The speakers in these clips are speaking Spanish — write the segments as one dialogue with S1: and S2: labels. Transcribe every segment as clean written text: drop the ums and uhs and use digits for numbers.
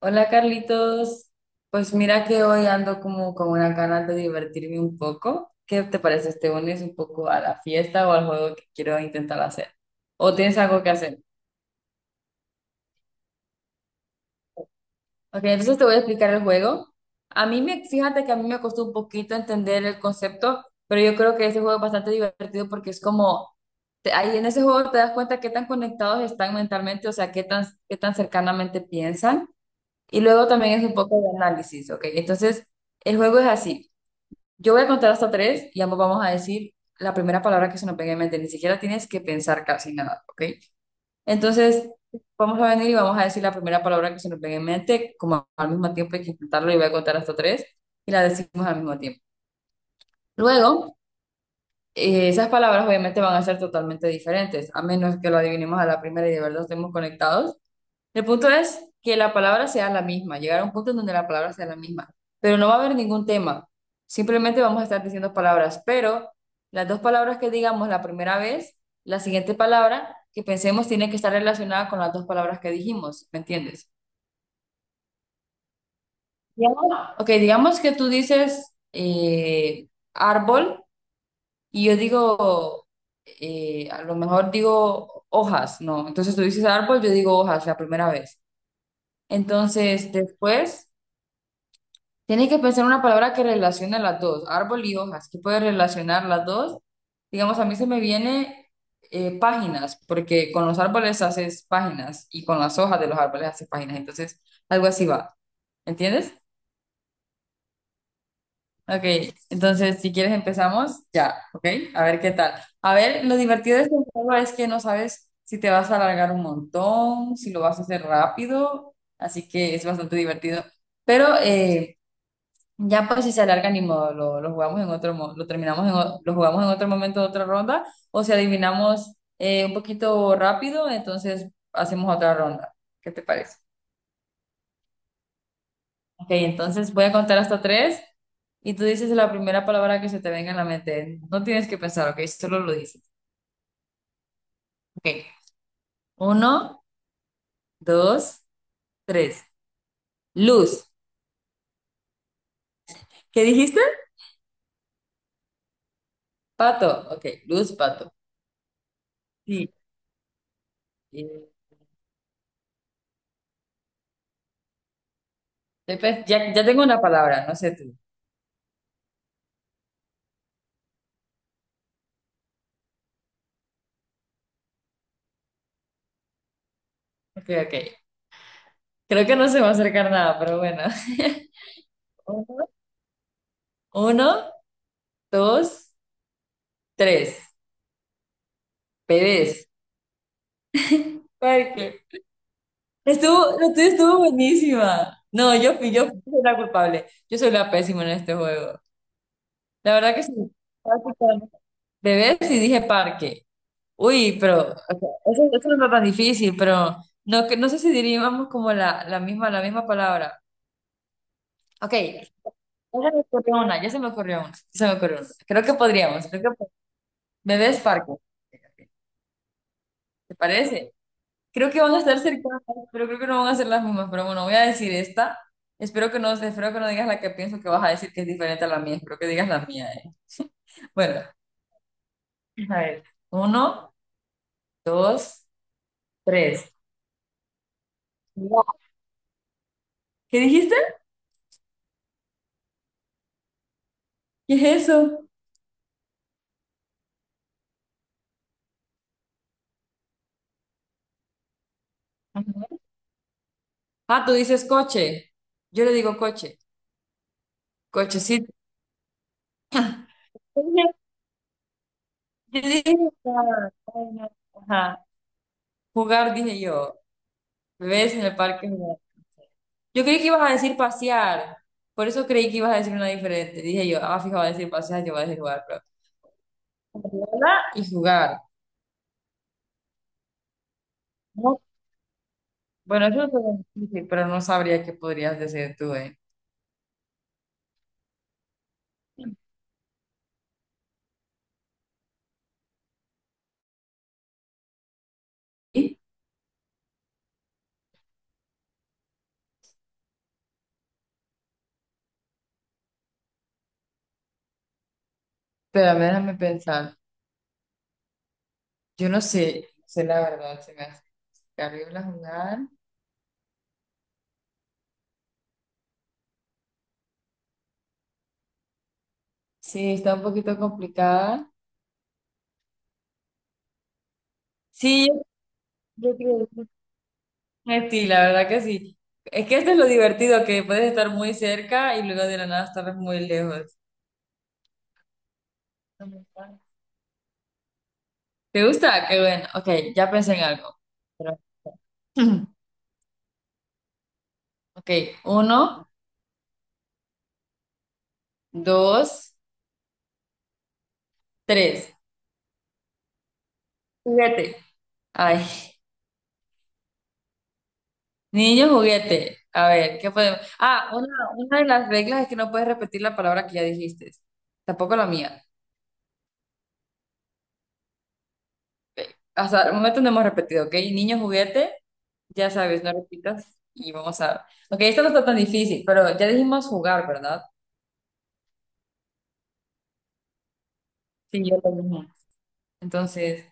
S1: Hola Carlitos, pues mira que hoy ando como con una ganas de divertirme un poco. ¿Qué te parece? ¿Te unes un poco a la fiesta o al juego que quiero intentar hacer? ¿O tienes algo que hacer? Ok, entonces te voy a explicar el juego. Fíjate que a mí me costó un poquito entender el concepto, pero yo creo que ese juego es bastante divertido porque es como, ahí en ese juego te das cuenta qué tan conectados están mentalmente, o sea, qué tan cercanamente piensan. Y luego también es un poco de análisis, ok. Entonces, el juego es así. Yo voy a contar hasta tres y ambos vamos a decir la primera palabra que se nos venga en mente. Ni siquiera tienes que pensar casi nada, ¿ok? Entonces, vamos a venir y vamos a decir la primera palabra que se nos venga en mente, como al mismo tiempo hay que intentarlo y voy a contar hasta tres y la decimos al mismo tiempo. Luego, esas palabras obviamente van a ser totalmente diferentes, a menos que lo adivinemos a la primera y de verdad estemos conectados. El punto es que la palabra sea la misma, llegar a un punto en donde la palabra sea la misma, pero no va a haber ningún tema, simplemente vamos a estar diciendo palabras, pero las dos palabras que digamos la primera vez, la siguiente palabra que pensemos tiene que estar relacionada con las dos palabras que dijimos, ¿me entiendes? Digamos- Ok, digamos que tú dices árbol y yo digo, a lo mejor digo hojas, ¿no? Entonces tú dices árbol, yo digo hojas la primera vez. Entonces después... Tienes que pensar una palabra que relacione las dos, árbol y hojas, ¿qué puede relacionar las dos? Digamos, a mí se me viene páginas, porque con los árboles haces páginas y con las hojas de los árboles haces páginas. Entonces, algo así va. ¿Entiendes? Ok, entonces si quieres empezamos ya, ok, a ver qué tal. A ver, lo divertido de este juego es que no sabes si te vas a alargar un montón, si lo vas a hacer rápido, así que es bastante divertido. Pero ya pues si se alarga ni modo, lo jugamos en otro, lo terminamos en, lo jugamos en otro momento, de otra ronda, o si adivinamos un poquito rápido, entonces hacemos otra ronda. ¿Qué te parece? Ok, entonces voy a contar hasta tres y tú dices la primera palabra que se te venga en la mente. No tienes que pensar, ok, solo lo dices. Ok, uno, dos, tres. Luz. ¿Qué dijiste? Pato. Ok, luz, pato. Sí. Eh, Ya, ya tengo una palabra, no sé tú. Ok, ok. Creo que no se va a acercar nada, pero bueno. Uno, uno, dos, tres. Pérez. Parque. Estuvo, la tuya estuvo buenísima. No, yo fui la culpable. Yo soy la pésima en este juego. La verdad que sí. Básicamente. Bebés y dije parque. Uy, pero o sea, eso no está tan difícil, pero no, no sé si diríamos como la misma palabra. Ok, ya se me ocurrió una, ya se me ocurrió una, ya se me ocurrió una. Creo que podríamos, bebés parque. ¿Te parece? Creo que van a estar cercanas, pero creo que no van a ser las mismas. Pero bueno, voy a decir esta. Espero que no digas la que pienso que vas a decir que es diferente a la mía. Espero que digas la mía. Bueno, a ver. Uno, dos, tres. No. ¿Qué dijiste? ¿Qué es eso? Ajá. Ah, tú dices coche. Yo le digo coche. Cochecito. Yo dije, ah, bueno, ajá. Jugar, dije yo. ¿Ves? En el parque. Jugar. Yo creí que ibas a decir pasear. Por eso creí que ibas a decir una diferente. Dije yo, ah, fijo, va a decir pasear, yo voy a decir jugar, pero. Jugarla y jugar. ¿No? Bueno, eso es lo difícil, pero no sabría qué podrías decir tú, ¿eh? Y- Pero déjame pensar. Yo no sé, no sé la verdad, se me hace terrible jugar. Sí, está un poquito complicada. Sí, yo creo. Sí, la verdad que sí. Es que esto es lo divertido, que puedes estar muy cerca y luego de la nada estar muy lejos. ¿Te gusta? Qué bueno. Ok, ya pensé en algo. Pero- Ok, uno, dos, tres. Juguete. Ay, niño juguete. A ver, ¿qué podemos? Una de las reglas es que no puedes repetir la palabra que ya dijiste. Tampoco la mía. Hasta el momento no hemos repetido, ¿ok? Niño juguete, ya sabes, no repitas y vamos a... Ok, esto no está tan difícil, pero ya dijimos jugar, ¿verdad? Sí, yo lo mismo. Entonces,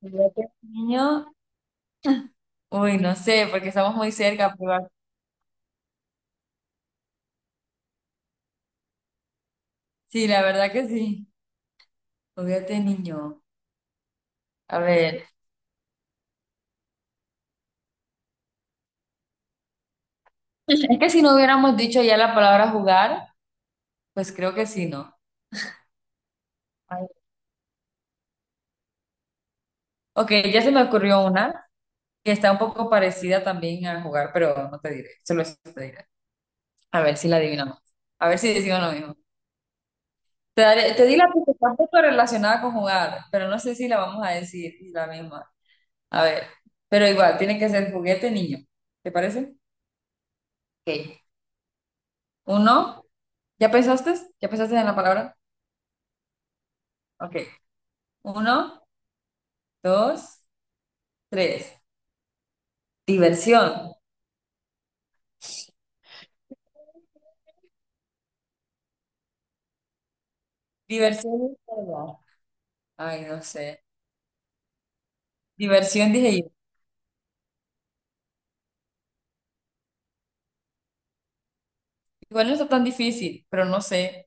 S1: ¿juguete de niño? Uy, no sé, porque estamos muy cerca, pero... Sí, la verdad que sí. Juguete de niño. A ver, es que si no hubiéramos dicho ya la palabra jugar, pues creo que sí, ¿no? Ay. Ok, ya se me ocurrió una que está un poco parecida también a jugar, pero no te diré, solo eso te diré. A ver si la adivinamos. A ver si decimos lo mismo. Te di la pista, está un poco relacionada con jugar, pero no sé si la vamos a decir la misma. A ver, pero igual, tiene que ser juguete niño. ¿Te parece? Ok. Uno, ¿ya pensaste? ¿Ya pensaste en la palabra? Ok. Uno, dos, tres. Diversión. Diversión es verdad. Ay, no sé. Diversión, dije yo. Igual no está tan difícil, pero no sé.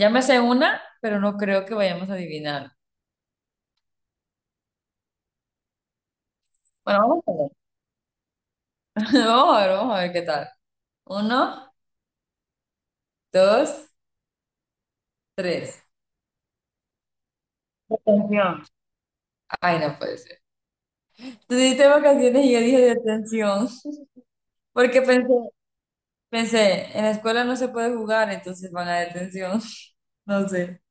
S1: Ya me sé una, pero no creo que vayamos a adivinar. Bueno, vamos a ver. Vamos a ver qué tal. Uno, dos, tres. Detención. Ay, no puede ser. Tú dijiste vacaciones y yo dije detención, porque pensé, en la escuela no se puede jugar, entonces van a detención. No sé.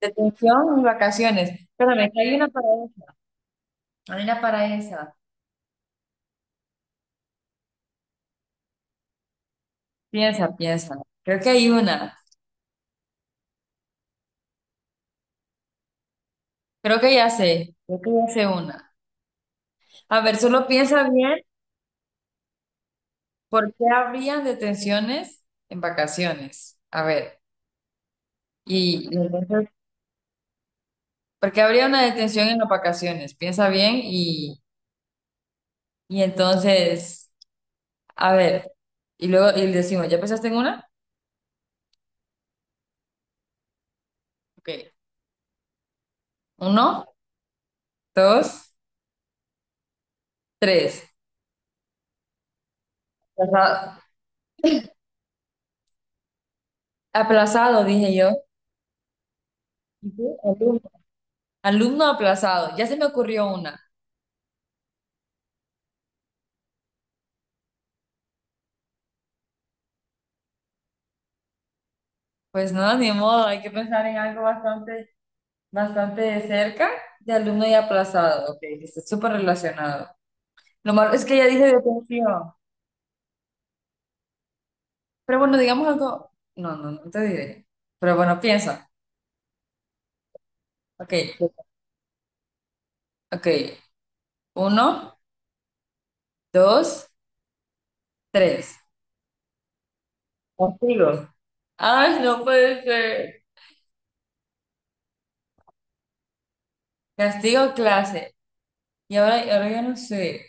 S1: Detención y vacaciones. Espérame, que hay una para esa. Hay una para esa. Piensa. Creo que hay una. Creo que ya sé. Creo que ya sé una. A ver, solo piensa bien por qué habrían detenciones en vacaciones. A ver, y entonces, ¿por qué habría una detención en las vacaciones? Piensa bien y entonces, a ver, y luego y decimos, ¿ya pensaste en una? Ok. Uno, dos, tres. Aplaza- Aplazado, dije yo. ¿Y tú? Alumno. Alumno aplazado. Ya se me ocurrió una. Pues no, ni modo, hay que pensar en algo bastante, bastante de cerca de alumno y aplazado. Ok, está súper relacionado. Lo malo es que ella dice detención. Pero bueno, digamos algo. No te diré. Pero bueno, piensa. Ok, ok. Uno, dos, tres. Castigo. Ay, no puede ser. Castigo clase. Y ahora ya no sé.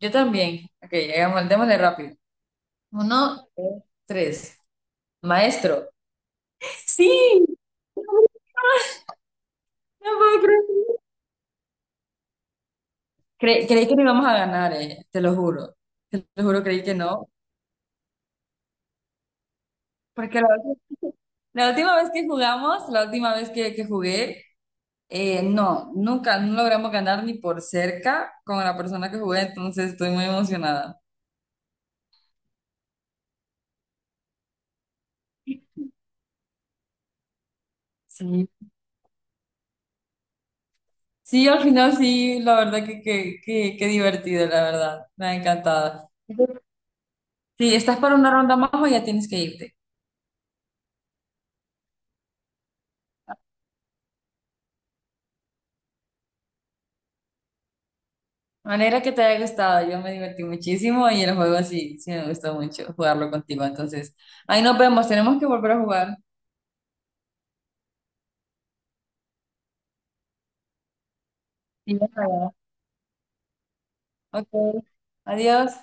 S1: Yo también. Ok, llegamos, démosle rápido. Uno, dos, tres. Maestro. Sí. No puedo creer. Creí que no íbamos a ganar, te lo juro. Te lo juro, creí que no. Porque la última vez que jugamos, la última vez que jugué, no, nunca, no logramos ganar ni por cerca con la persona que jugué, entonces estoy muy emocionada. Sí. Sí, al final sí, la verdad que divertido, la verdad. Me ha encantado. Sí, ¿estás para una ronda más o ya tienes que irte? Manera que te haya gustado, yo me divertí muchísimo y el juego sí me gustó mucho jugarlo contigo. Entonces, ahí nos vemos, tenemos que volver a jugar. Sí, ojalá. Ok, adiós.